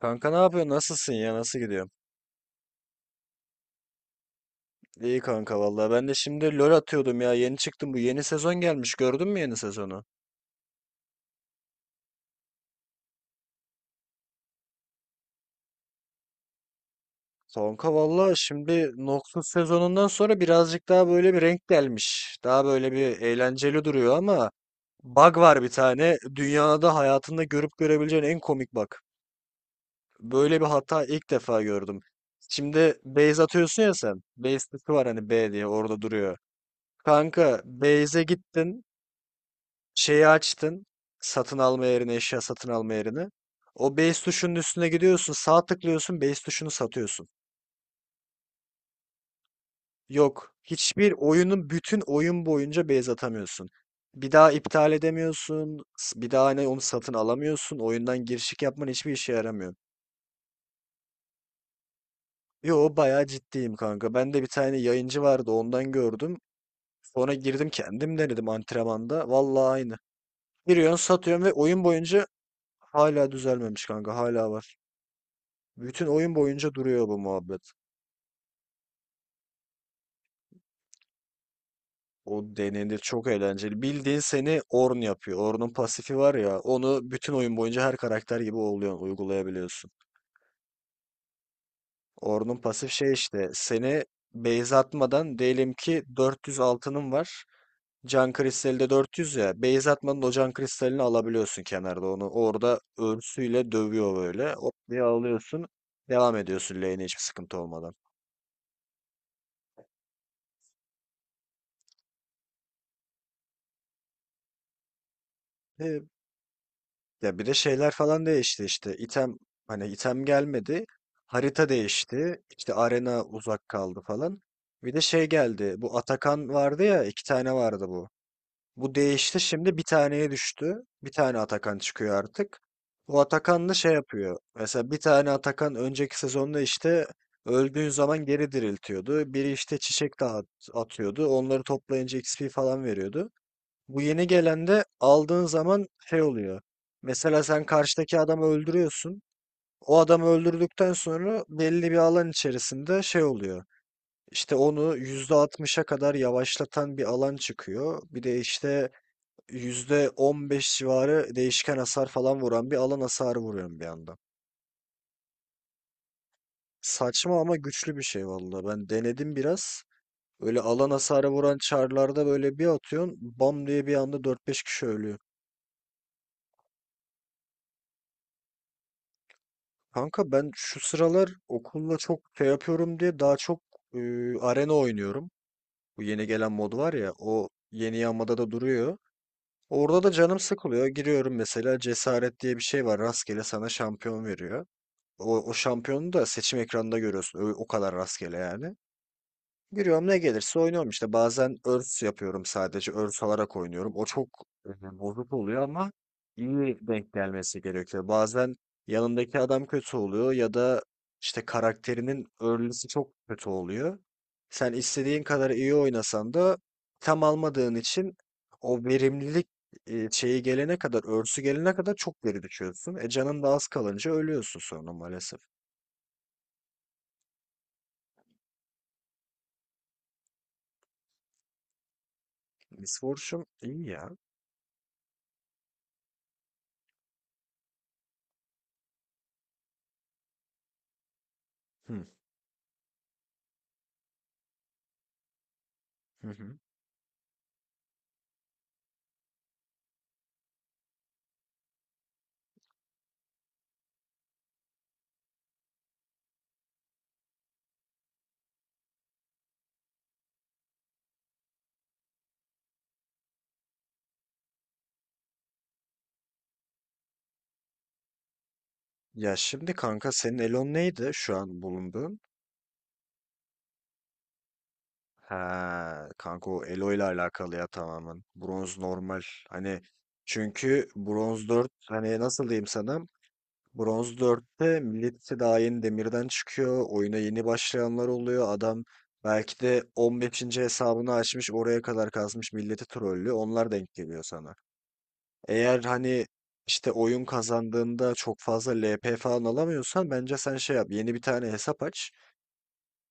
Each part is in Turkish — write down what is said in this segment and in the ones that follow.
Kanka ne yapıyorsun? Nasılsın ya? Nasıl gidiyor? İyi kanka vallahi. Ben de şimdi LoL atıyordum ya. Yeni çıktım. Bu yeni sezon gelmiş. Gördün mü yeni sezonu? Kanka vallahi şimdi Noxus sezonundan sonra birazcık daha böyle bir renk gelmiş. Daha böyle bir eğlenceli duruyor ama bug var bir tane. Dünyada hayatında görüp görebileceğin en komik bug. Böyle bir hata ilk defa gördüm. Şimdi base atıyorsun ya sen. Base tıkı var hani B diye orada duruyor. Kanka base'e gittin. Şeyi açtın. Satın alma yerini, eşya satın alma yerini. O base tuşunun üstüne gidiyorsun, sağ tıklıyorsun, base tuşunu satıyorsun. Yok, hiçbir oyunun bütün oyun boyunca base atamıyorsun. Bir daha iptal edemiyorsun, bir daha hani onu satın alamıyorsun, oyundan girişik yapman hiçbir işe yaramıyor. Yo bayağı ciddiyim kanka. Ben de bir tane yayıncı vardı ondan gördüm. Sonra girdim kendim denedim antrenmanda. Vallahi aynı. Giriyorsun satıyorsun ve oyun boyunca hala düzelmemiş kanka hala var. Bütün oyun boyunca duruyor bu muhabbet. O denenir çok eğlenceli. Bildiğin seni Ornn yapıyor. Ornn'un pasifi var ya onu bütün oyun boyunca her karakter gibi oluyor, uygulayabiliyorsun. Ornn'un pasif şey işte seni base atmadan diyelim ki 400 altının var. Can kristali de 400 ya. Base atmadan o can kristalini alabiliyorsun kenarda onu. Orada örsüyle dövüyor böyle. Hop diye alıyorsun. Devam ediyorsun lane'e hiçbir sıkıntı olmadan. E, Ya bir de şeyler falan değişti işte. İtem hani item gelmedi. Harita değişti. İşte arena uzak kaldı falan. Bir de şey geldi. Bu Atakan vardı ya iki tane vardı bu. Bu değişti şimdi bir taneye düştü. Bir tane Atakan çıkıyor artık. O Atakan da şey yapıyor. Mesela bir tane Atakan önceki sezonda işte öldüğün zaman geri diriltiyordu. Biri işte çiçek dağıt atıyordu. Onları toplayınca XP falan veriyordu. Bu yeni gelen de aldığın zaman şey oluyor. Mesela sen karşıdaki adamı öldürüyorsun. O adamı öldürdükten sonra belli bir alan içerisinde şey oluyor. İşte onu %60'a kadar yavaşlatan bir alan çıkıyor. Bir de işte %15 civarı değişken hasar falan vuran bir alan hasarı vuruyorum bir anda. Saçma ama güçlü bir şey vallahi. Ben denedim biraz. Öyle alan hasarı vuran çarlarda böyle bir atıyorsun. Bam diye bir anda dört beş kişi ölüyor. Kanka ben şu sıralar okulla çok şey yapıyorum diye daha çok e, arena oynuyorum. Bu yeni gelen mod var ya o yeni yamada da duruyor. Orada da canım sıkılıyor. Giriyorum mesela cesaret diye bir şey var. Rastgele sana şampiyon veriyor. O şampiyonu da seçim ekranında görüyorsun. O kadar rastgele yani. Giriyorum ne gelirse oynuyorum işte. Bazen örs yapıyorum sadece. Örs alarak oynuyorum. O çok bozuk oluyor ama iyi denk gelmesi gerekiyor. Bazen yanındaki adam kötü oluyor ya da işte karakterinin örlüsü çok kötü oluyor. Sen istediğin kadar iyi oynasan da tam almadığın için o verimlilik şeyi gelene kadar, örsü gelene kadar çok geri düşüyorsun. E canın da az kalınca ölüyorsun sonra maalesef. Misfortune iyi ya. Hı hı. Hı. Ya şimdi kanka senin Elon neydi şu an bulunduğun? Ha kanka o Elo ile alakalı ya tamamen. Bronz normal. Hani çünkü Bronz 4 hani nasıl diyeyim sana? Bronz dörtte millet daha yeni demirden çıkıyor. Oyuna yeni başlayanlar oluyor. Adam belki de 15. hesabını açmış oraya kadar kazmış milleti trollü. Onlar denk geliyor sana. Eğer hani işte oyun kazandığında çok fazla LP falan alamıyorsan bence sen şey yap. Yeni bir tane hesap aç.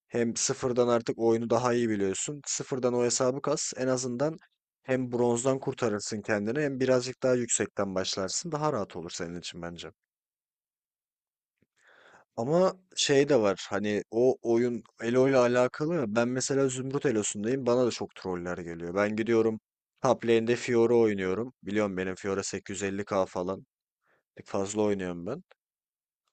Hem sıfırdan artık oyunu daha iyi biliyorsun. Sıfırdan o hesabı kas. En azından hem bronzdan kurtarırsın kendini hem birazcık daha yüksekten başlarsın. Daha rahat olur senin için bence. Ama şey de var hani o oyun Elo ile alakalı ben mesela Zümrüt Elo'sundayım bana da çok troller geliyor. Ben gidiyorum top lane'de Fiora oynuyorum. Biliyorum benim Fiora 850k falan fazla oynuyorum ben.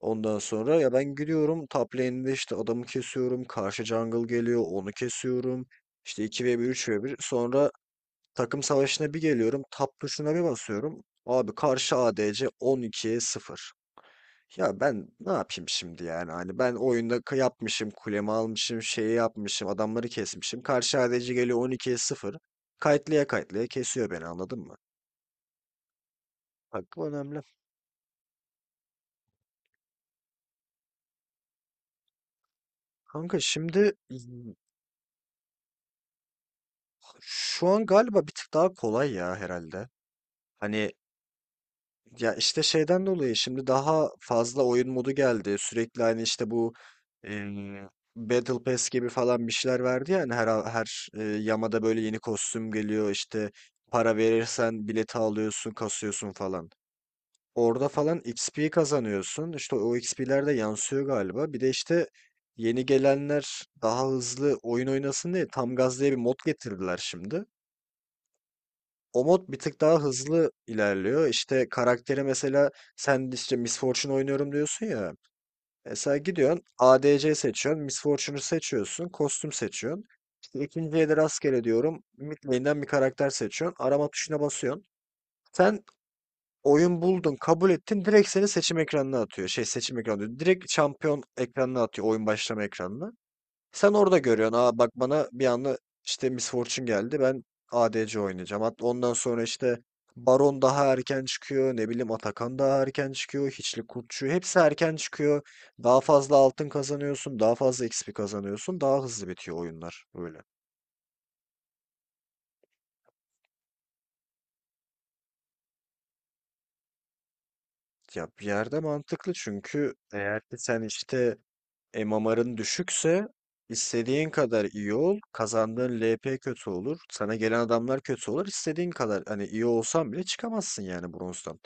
Ondan sonra ya ben gidiyorum top lane'de işte adamı kesiyorum. Karşı jungle geliyor onu kesiyorum. İşte iki ve bir, üç ve bir. Sonra takım savaşına bir geliyorum. Tab tuşuna bir basıyorum. Abi karşı ADC 12'ye sıfır. Ya ben ne yapayım şimdi yani hani ben oyunda yapmışım kulemi almışım şeyi yapmışım adamları kesmişim. Karşı ADC geliyor 12'ye sıfır. Kayıtlaya kayıtlaya kesiyor beni anladın mı? Hakkı önemli. Kanka şimdi şu an galiba bir tık daha kolay ya herhalde. Hani ya işte şeyden dolayı şimdi daha fazla oyun modu geldi. Sürekli hani işte bu eee, Battle Pass gibi falan bir şeyler verdi yani her her yamada böyle yeni kostüm geliyor işte para verirsen bileti alıyorsun, kasıyorsun falan. Orada falan XP kazanıyorsun. İşte o XP'ler de yansıyor galiba. Bir de işte yeni gelenler daha hızlı oyun oynasın diye tam gaz diye bir mod getirdiler şimdi. O mod bir tık daha hızlı ilerliyor. İşte karakteri mesela sen işte Miss Fortune oynuyorum diyorsun ya. Mesela gidiyorsun ADC seçiyorsun. Miss Fortune'u seçiyorsun. Kostüm seçiyorsun. İşte ikinciye de rastgele diyorum. Mid lane'den bir karakter seçiyorsun. Arama tuşuna basıyorsun. Sen oyun buldun, kabul ettin. Direkt seni seçim ekranına atıyor. Şey seçim ekranı diyor. Direkt şampiyon ekranına atıyor. Oyun başlama ekranına. Sen orada görüyorsun. Aa bak bana bir anda işte Miss Fortune geldi. Ben ADC oynayacağım. Hatta ondan sonra işte Baron daha erken çıkıyor. Ne bileyim Atakan daha erken çıkıyor. Hiçli Kurtçu hepsi erken çıkıyor. Daha fazla altın kazanıyorsun. Daha fazla XP kazanıyorsun. Daha hızlı bitiyor oyunlar. Böyle. Ya bir yerde mantıklı çünkü eğer ki sen işte MMR'ın düşükse istediğin kadar iyi ol. Kazandığın LP kötü olur. Sana gelen adamlar kötü olur. İstediğin kadar hani iyi olsan bile çıkamazsın yani bronzdan.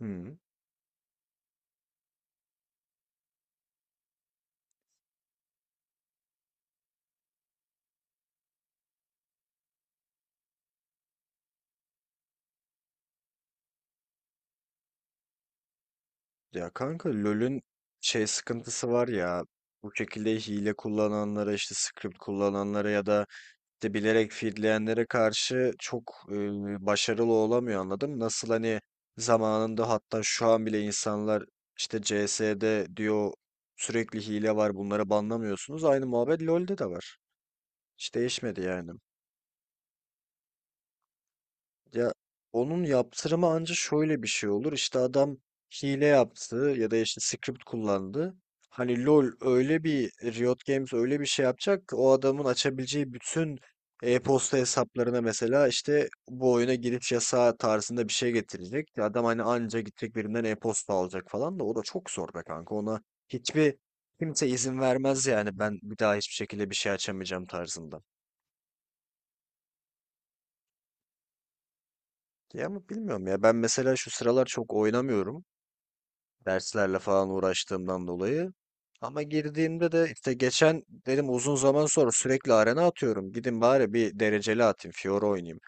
Hmm. Ya kanka LoL'ün şey sıkıntısı var ya. Bu şekilde hile kullananlara işte script kullananlara ya da de bilerek feedleyenlere karşı çok başarılı olamıyor anladım. Nasıl hani zamanında hatta şu an bile insanlar işte CS'de diyor sürekli hile var bunları banlamıyorsunuz. Aynı muhabbet LoL'de de var. Hiç değişmedi yani. Ya onun yaptırımı anca şöyle bir şey olur. İşte adam hile yaptı ya da işte script kullandı. Hani LoL öyle bir Riot Games öyle bir şey yapacak ki o adamın açabileceği bütün e-posta hesaplarına mesela işte bu oyuna giriş yasağı tarzında bir şey getirecek. Ya adam hani anca gidecek birinden e-posta alacak falan da o da çok zor be kanka. Ona hiçbir kimse izin vermez yani ben bir daha hiçbir şekilde bir şey açamayacağım tarzında. Ya ama bilmiyorum ya ben mesela şu sıralar çok oynamıyorum. Derslerle falan uğraştığımdan dolayı. Ama girdiğimde de işte geçen dedim uzun zaman sonra sürekli arena atıyorum. Gidin bari bir dereceli atayım. Fiora oynayayım.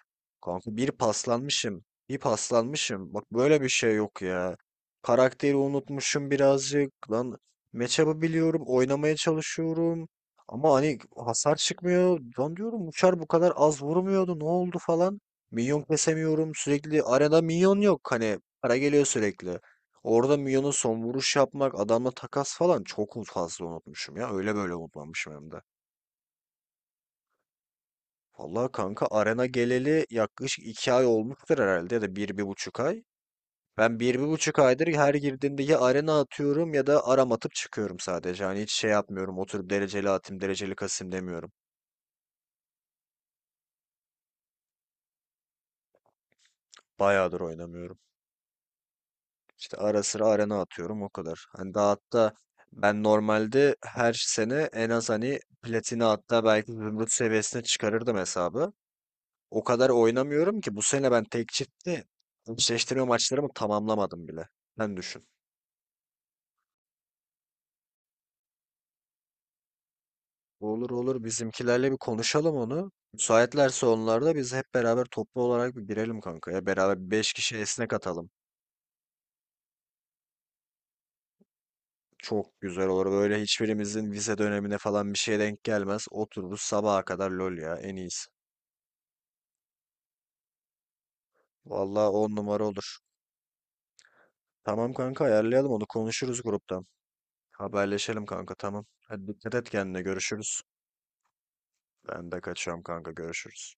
Kanka bir paslanmışım. Bir paslanmışım. Bak böyle bir şey yok ya. Karakteri unutmuşum birazcık. Lan matchup'ı biliyorum. Oynamaya çalışıyorum. Ama hani hasar çıkmıyor. Lan diyorum uçar bu kadar az vurmuyordu. Ne oldu falan. Minyon kesemiyorum. Sürekli arada minyon yok. Hani para geliyor sürekli. Orada Mion'un son vuruş yapmak, adamla takas falan çok fazla unutmuşum ya. Öyle böyle unutmamışım hem de. Vallahi kanka arena geleli yaklaşık 2 ay olmuştur herhalde ya da bir bir buçuk ay. Ben bir bir buçuk aydır her girdiğimde ya arena atıyorum ya da aram atıp çıkıyorum sadece. Hani hiç şey yapmıyorum oturup dereceli atayım dereceli kasayım demiyorum. Bayağıdır oynamıyorum. İşte ara sıra arena atıyorum o kadar. Hani daha hatta ben normalde her sene en az hani platini hatta belki zümrüt seviyesine çıkarırdım hesabı. O kadar oynamıyorum ki bu sene ben tek çiftte eşleştirme maçlarımı tamamlamadım bile. Sen düşün. Olur olur bizimkilerle bir konuşalım onu. Müsaitlerse onlarda biz hep beraber toplu olarak bir girelim kanka ya. Beraber beş kişi esnek atalım. Çok güzel olur. Böyle hiçbirimizin vize dönemine falan bir şeye denk gelmez. Otururuz sabaha kadar lol ya en iyisi. Vallahi 10 numara olur. Tamam kanka ayarlayalım onu konuşuruz gruptan. Haberleşelim kanka tamam. Hadi dikkat et kendine görüşürüz. Ben de kaçıyorum kanka görüşürüz.